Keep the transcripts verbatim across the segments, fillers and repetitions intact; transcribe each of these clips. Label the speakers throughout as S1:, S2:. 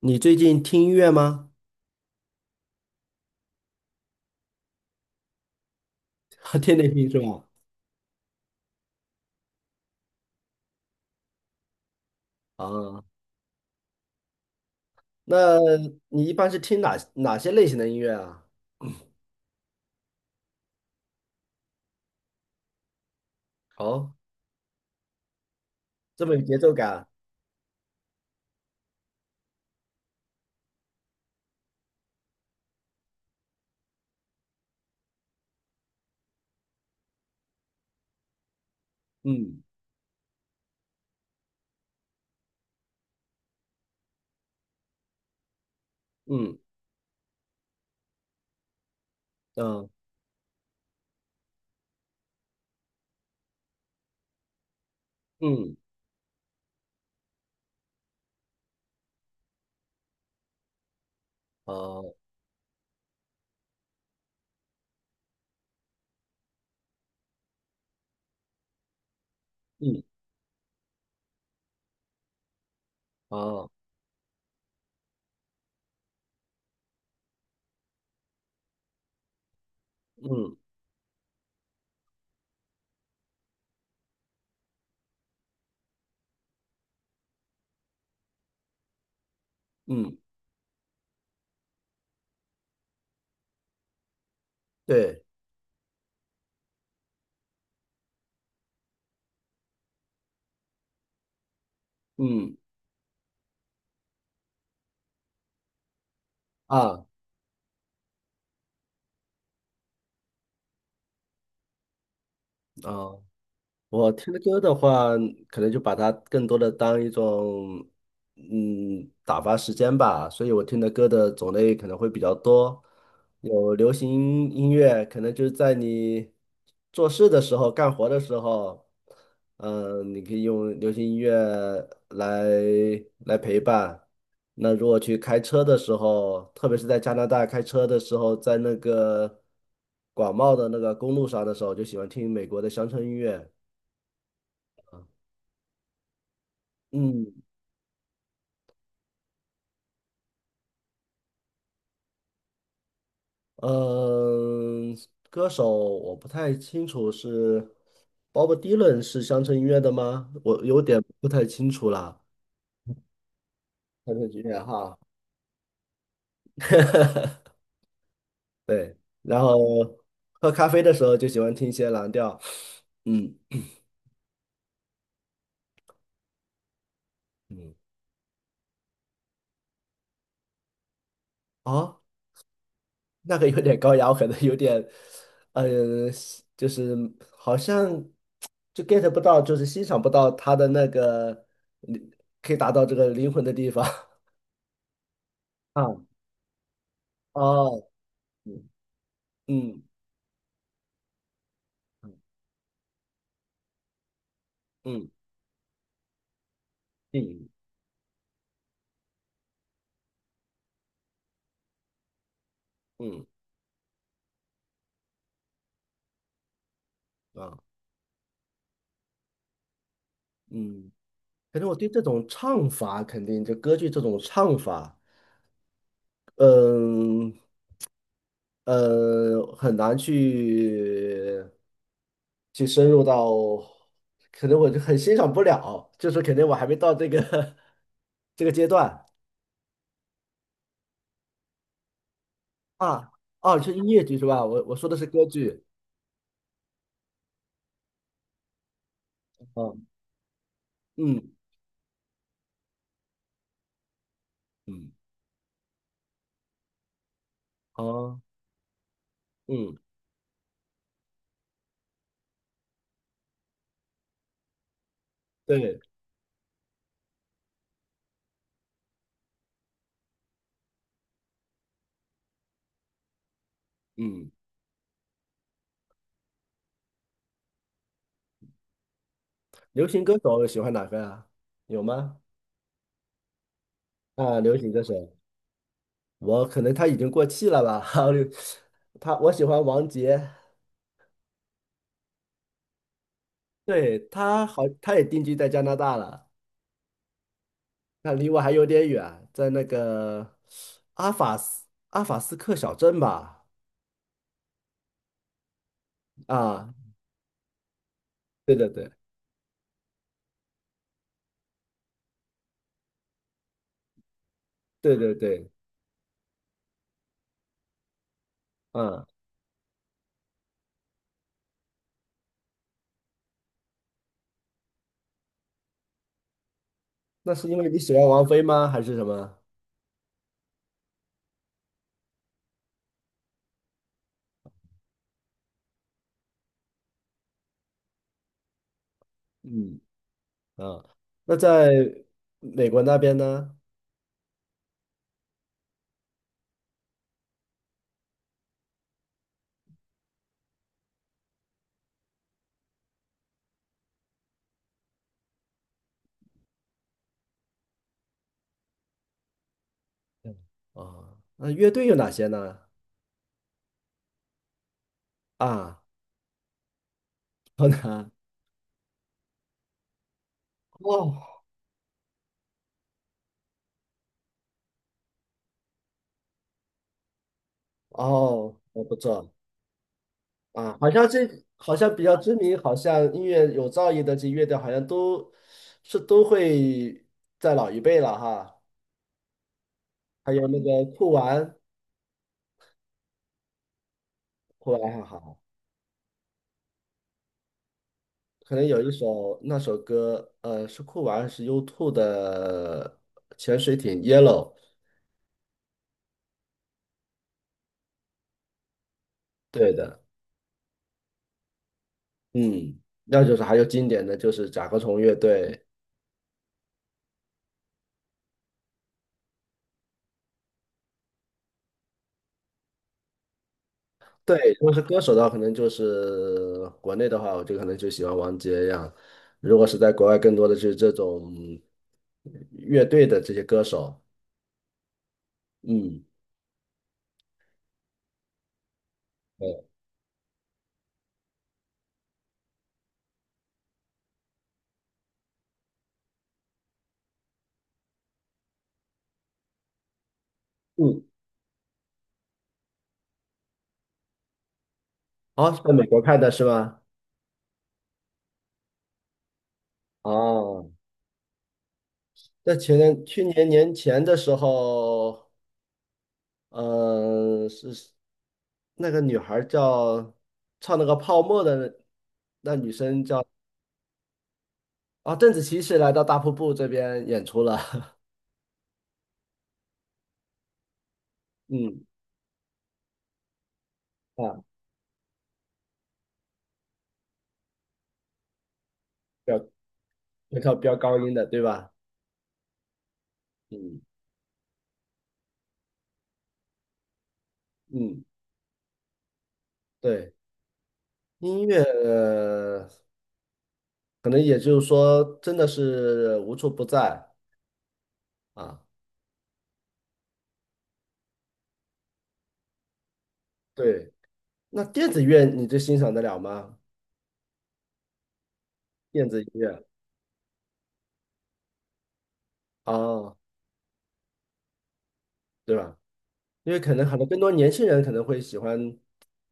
S1: 你最近听音乐吗？天天听是吧？啊，那你一般是听哪哪些类型的音乐啊？哦，这么有节奏感。嗯嗯嗯嗯啊嗯啊嗯嗯，对，嗯啊啊我听的歌的话，可能就把它更多的当一种，嗯，打发时间吧。所以我听的歌的种类可能会比较多，有流行音乐，可能就是在你做事的时候、干活的时候，嗯，你可以用流行音乐来来陪伴。那如果去开车的时候，特别是在加拿大开车的时候，在那个广袤的那个公路上的时候，就喜欢听美国的乡村音乐。嗯嗯，歌手我不太清楚是 Bob Dylan 是乡村音乐的吗？我有点不太清楚啦。乡村音乐哈，对。然后喝咖啡的时候就喜欢听一些蓝调。嗯嗯，哦，那个有点高雅，我可能有点，嗯、就是好像就 get 不到，就是欣赏不到他的那个可以达到这个灵魂的地方。啊。哦，嗯嗯嗯嗯，电影，嗯啊嗯，可能我对这种唱法，肯定就歌剧这种唱法，嗯呃，很难去去深入到，可能我就很欣赏不了，就是肯定我还没到这个 这个阶段。啊啊，是音乐剧是吧？我我说的是歌剧。啊嗯嗯啊嗯对嗯，流行歌手喜欢哪个啊？有吗？啊，流行歌手，我可能他已经过气了吧？他我喜欢王杰。对，他好，他也定居在加拿大了。那离我还有点远，在那个阿法斯阿法斯克小镇吧？啊，对对对对对对，嗯，那是因为你喜欢王菲吗？还是什么？嗯啊，那在美国那边呢？嗯哦，那乐队有哪些呢？啊，好难哦。哦，我不错。啊，好像这好像比较知名，好像音乐有造诣的这乐队，好像都是都会在老一辈了哈。还有那个酷玩。酷玩还好，可能有一首那首歌，呃，是酷玩还是 U 二 的潜水艇 Yellow？对的。嗯，那就是还有经典的就是甲壳虫乐队。对，如果是歌手的话，可能就是国内的话，我就可能就喜欢王杰呀。如果是在国外，更多的就是这种乐队的这些歌手。嗯，对，嗯，哦，是在美国看的是吗？哦，在前年去年年前的时候，嗯、是那个女孩儿叫，唱那个泡沫的那女生啊，邓紫棋是来到大瀑布这边演出了。嗯，啊，飙，会唱飙高音的，对吧？嗯嗯，对。音乐，呃，可能也就是说，真的是无处不在啊。对，那电子乐你就欣赏得了吗？电子音乐啊，对吧？因为可能很多更多年轻人可能会喜欢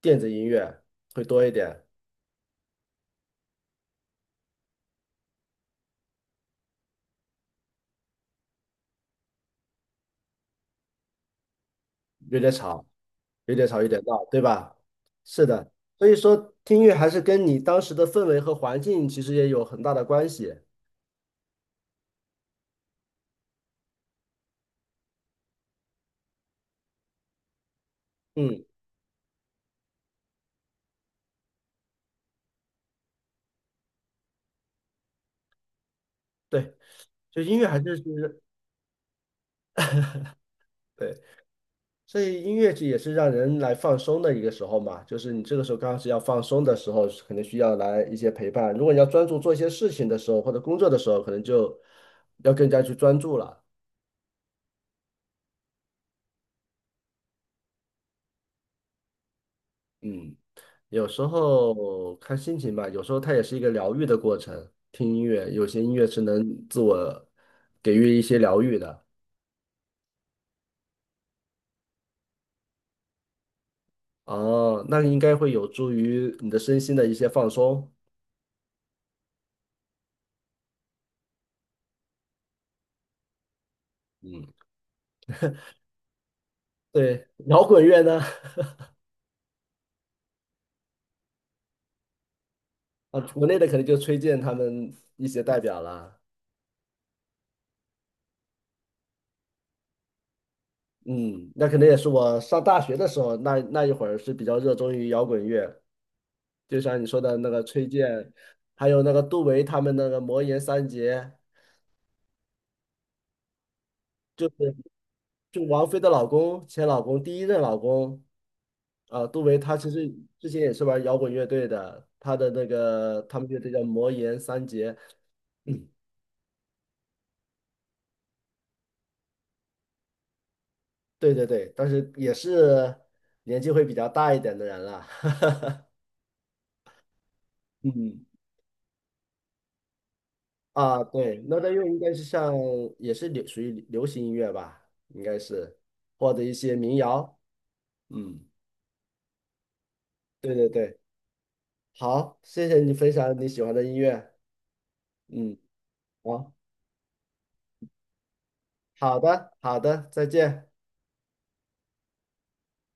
S1: 电子音乐会多一点。有点吵，有点吵，有点闹，对吧？是的。所以说听音乐还是跟你当时的氛围和环境其实也有很大的关系。嗯，对，就音乐还是是，对。所以音乐剧也是让人来放松的一个时候嘛，就是你这个时候刚好是要放松的时候，可能需要来一些陪伴。如果你要专注做一些事情的时候，或者工作的时候，可能就要更加去专注了。嗯，有时候看心情吧，有时候它也是一个疗愈的过程。听音乐，有些音乐是能自我给予一些疗愈的。哦，那应该会有助于你的身心的一些放松。嗯，对，摇滚乐呢？啊，国内的可能就崔健他们一些代表了。嗯，那可能也是我上大学的时候，那那一会儿是比较热衷于摇滚乐，就像你说的那个崔健，还有那个杜维他们那个魔岩三杰，就是就王菲的老公，前老公，第一任老公。啊，杜维他其实之前也是玩摇滚乐队的，他的那个他们乐队叫魔岩三杰。嗯，对对对，但是也是年纪会比较大一点的人了。嗯。啊，对，热带乐应该是像也是流属于流行音乐吧，应该是或者一些民谣。嗯，对对对，好，谢谢你分享你喜欢的音乐。嗯，好，好的，好的，再见。